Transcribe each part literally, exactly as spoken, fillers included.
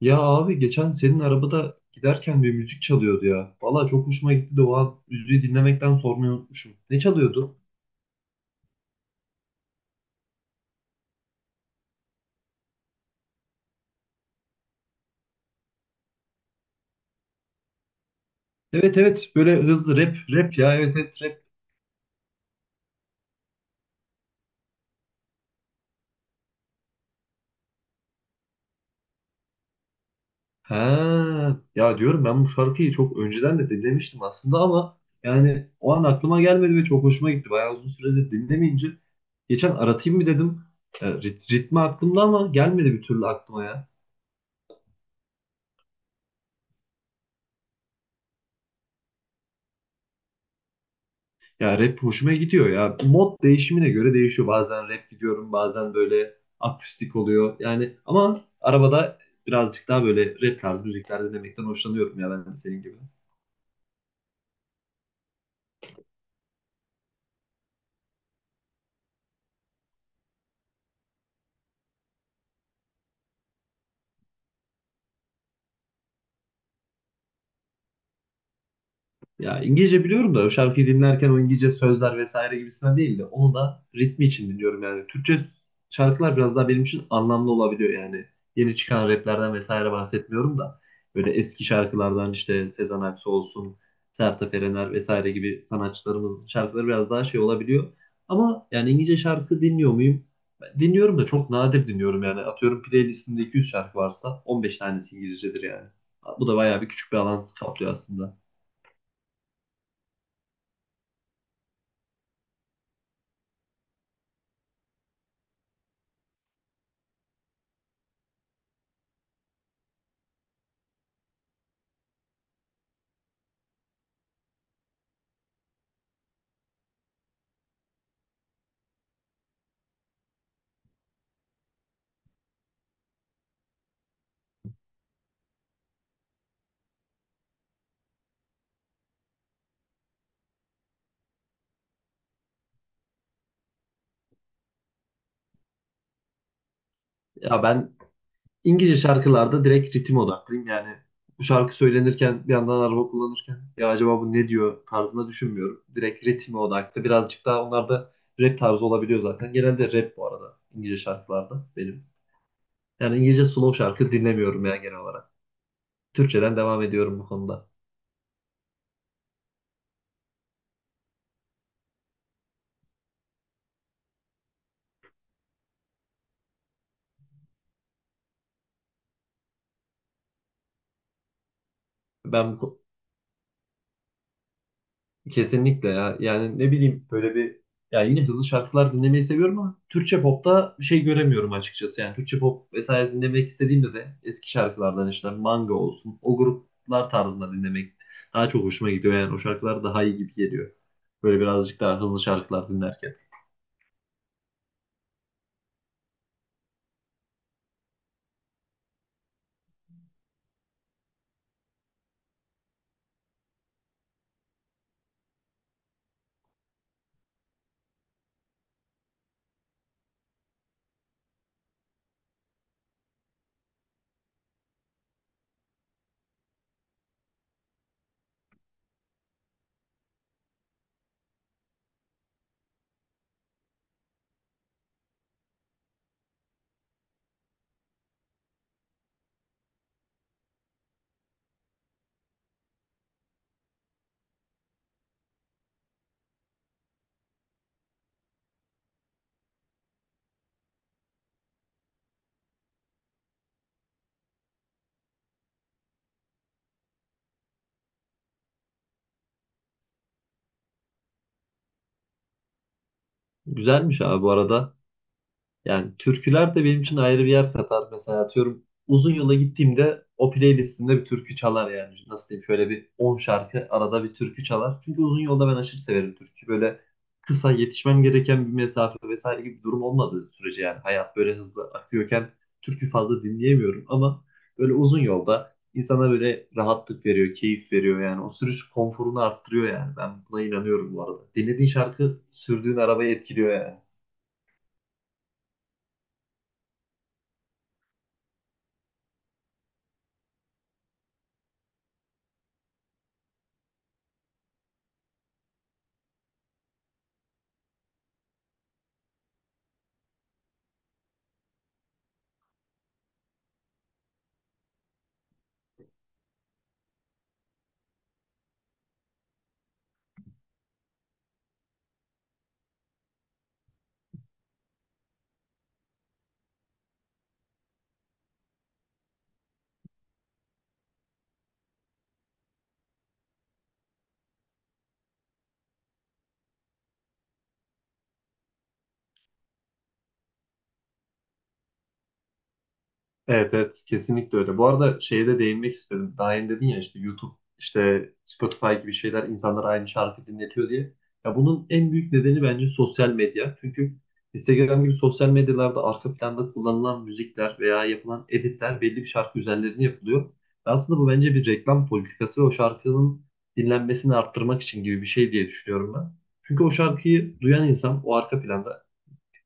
Ya abi geçen senin arabada giderken bir müzik çalıyordu ya. Valla çok hoşuma gitti de o an müziği dinlemekten sormayı unutmuşum. Ne çalıyordu? Evet evet böyle hızlı rap rap ya evet evet rap. Ha, ya diyorum ben bu şarkıyı çok önceden de dinlemiştim aslında ama yani o an aklıma gelmedi ve çok hoşuma gitti. Bayağı uzun süredir dinlemeyince geçen aratayım mı dedim. E, rit- ritmi aklımda ama gelmedi bir türlü aklıma ya. Ya rap hoşuma gidiyor ya. Mod değişimine göre değişiyor. Bazen rap gidiyorum, bazen böyle akustik oluyor. Yani ama arabada birazcık daha böyle rap tarzı müzikler dinlemekten hoşlanıyorum ya ben de senin gibi. Ya İngilizce biliyorum da o şarkıyı dinlerken o İngilizce sözler vesaire gibisinden değil de onu da ritmi için dinliyorum yani. Türkçe şarkılar biraz daha benim için anlamlı olabiliyor yani. Yeni çıkan raplerden vesaire bahsetmiyorum da böyle eski şarkılardan işte Sezen Aksu olsun, Sertab Erener vesaire gibi sanatçılarımızın şarkıları biraz daha şey olabiliyor. Ama yani İngilizce şarkı dinliyor muyum? Ben dinliyorum da çok nadir dinliyorum yani. Atıyorum playlistimde iki yüz şarkı varsa on beş tanesi İngilizcedir yani. Bu da bayağı bir küçük bir alan kaplıyor aslında. Ya ben İngilizce şarkılarda direkt ritim odaklıyım. Yani bu şarkı söylenirken bir yandan araba kullanırken ya acaba bu ne diyor tarzında düşünmüyorum. Direkt ritme odaklı. Birazcık daha onlar da rap tarzı olabiliyor zaten. Genelde rap bu arada İngilizce şarkılarda benim. Yani İngilizce slow şarkı dinlemiyorum ya genel olarak. Türkçeden devam ediyorum bu konuda. Ben bu Kesinlikle ya. Yani ne bileyim böyle bir ya yine hızlı şarkılar dinlemeyi seviyorum ama Türkçe popta bir şey göremiyorum açıkçası. Yani Türkçe pop vesaire dinlemek istediğimde de eski şarkılardan işte Manga olsun o gruplar tarzında dinlemek daha çok hoşuma gidiyor. Yani o şarkılar daha iyi gibi geliyor. Böyle birazcık daha hızlı şarkılar dinlerken. Güzelmiş abi bu arada. Yani türküler de benim için ayrı bir yer katar. Mesela atıyorum uzun yola gittiğimde o playlistimde bir türkü çalar yani. Nasıl diyeyim şöyle bir on şarkı arada bir türkü çalar. Çünkü uzun yolda ben aşırı severim türkü. Böyle kısa yetişmem gereken bir mesafe vesaire gibi bir durum olmadığı sürece yani hayat böyle hızlı akıyorken türkü fazla dinleyemiyorum ama böyle uzun yolda insana böyle rahatlık veriyor, keyif veriyor yani. O sürüş konforunu arttırıyor yani. Ben buna inanıyorum bu arada. Dinlediğin şarkı sürdüğün arabayı etkiliyor yani. Evet evet kesinlikle öyle. Bu arada şeye de değinmek istedim. Daha önce dedin ya işte YouTube, işte Spotify gibi şeyler insanlar aynı şarkı dinletiyor diye. Ya bunun en büyük nedeni bence sosyal medya. Çünkü Instagram gibi sosyal medyalarda arka planda kullanılan müzikler veya yapılan editler belli bir şarkı üzerlerine yapılıyor. Ve aslında bu bence bir reklam politikası ve o şarkının dinlenmesini arttırmak için gibi bir şey diye düşünüyorum ben. Çünkü o şarkıyı duyan insan o arka planda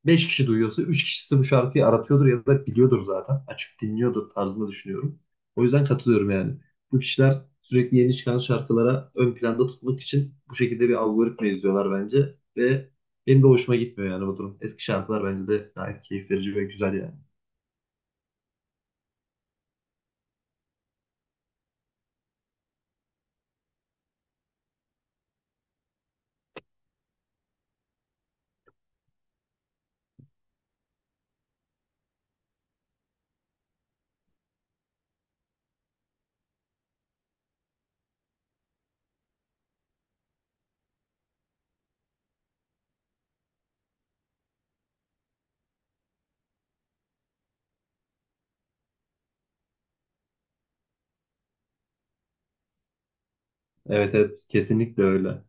beş kişi duyuyorsa üç kişisi bu şarkıyı aratıyordur ya da biliyordur zaten. Açıp dinliyordur tarzında düşünüyorum. O yüzden katılıyorum yani. Bu kişiler sürekli yeni çıkan şarkılara ön planda tutmak için bu şekilde bir algoritma izliyorlar bence. Ve benim de hoşuma gitmiyor yani bu durum. Eski şarkılar bence de gayet keyif verici ve güzel yani. Evet evet kesinlikle öyle.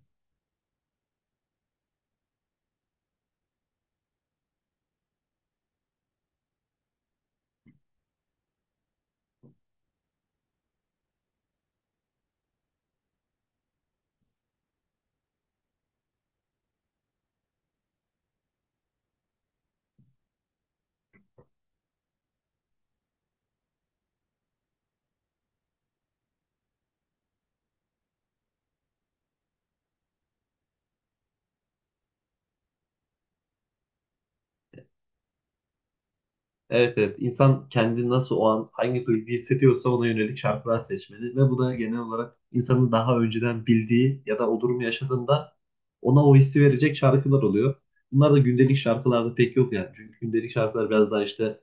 Evet evet. İnsan kendini nasıl o an hangi duygu hissediyorsa ona yönelik şarkılar seçmeli ve bu da genel olarak insanın daha önceden bildiği ya da o durumu yaşadığında ona o hissi verecek şarkılar oluyor. Bunlar da gündelik şarkılarda pek yok yani. Çünkü gündelik şarkılar biraz daha işte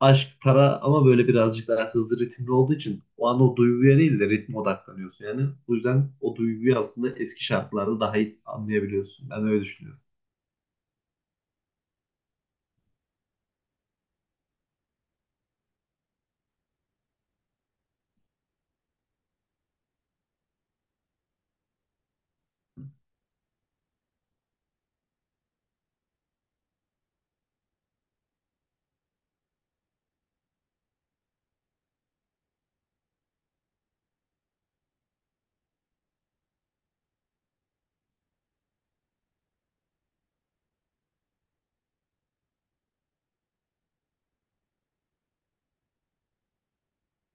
aşk, para ama böyle birazcık daha hızlı ritimli olduğu için o an o duyguya değil de ritme odaklanıyorsun yani. Bu yüzden o duyguyu aslında eski şarkılarda daha iyi anlayabiliyorsun. Ben öyle düşünüyorum.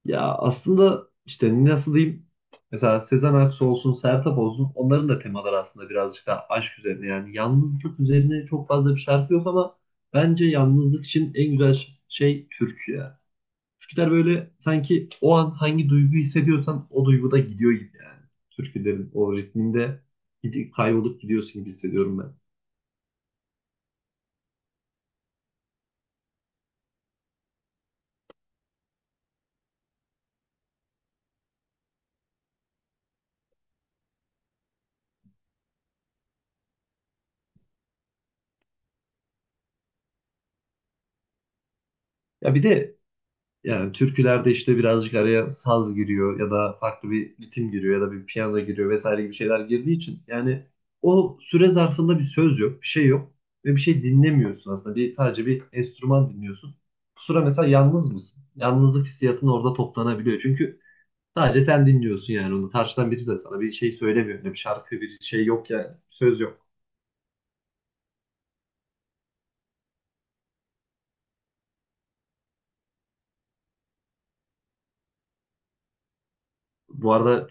Ya aslında işte nasıl diyeyim mesela Sezen Aksu olsun, Sertab olsun onların da temaları aslında birazcık daha aşk üzerine yani yalnızlık üzerine çok fazla bir şarkı yok ama bence yalnızlık için en güzel ş- şey türkü ya. Türküler böyle sanki o an hangi duygu hissediyorsan o duyguda gidiyor gibi yani. Türkülerin o ritminde gidip kaybolup gidiyorsun gibi hissediyorum ben. Ya bir de Yani türkülerde işte birazcık araya saz giriyor ya da farklı bir ritim giriyor ya da bir piyano giriyor vesaire gibi şeyler girdiği için yani o süre zarfında bir söz yok, bir şey yok ve bir şey dinlemiyorsun aslında. Bir, sadece bir enstrüman dinliyorsun. Bu sıra mesela yalnız mısın? Yalnızlık hissiyatın orada toplanabiliyor. Çünkü sadece sen dinliyorsun yani onu. Karşıdan birisi de sana bir şey söylemiyor. Ne bir şarkı, bir şey yok yani. Söz yok. Bu arada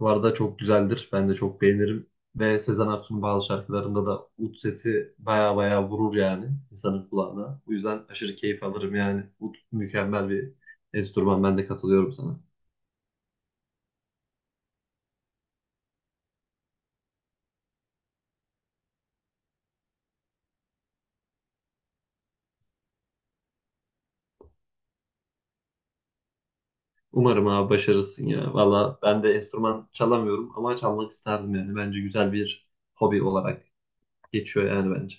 Bu arada çok güzeldir. Ben de çok beğenirim. Ve Sezen Aksu'nun bazı şarkılarında da ut sesi baya baya vurur yani insanın kulağına. Bu yüzden aşırı keyif alırım yani. Ut mükemmel bir enstrüman. Ben de katılıyorum sana. Umarım abi başarırsın ya. Valla ben de enstrüman çalamıyorum ama çalmak isterdim yani. Bence güzel bir hobi olarak geçiyor yani bence.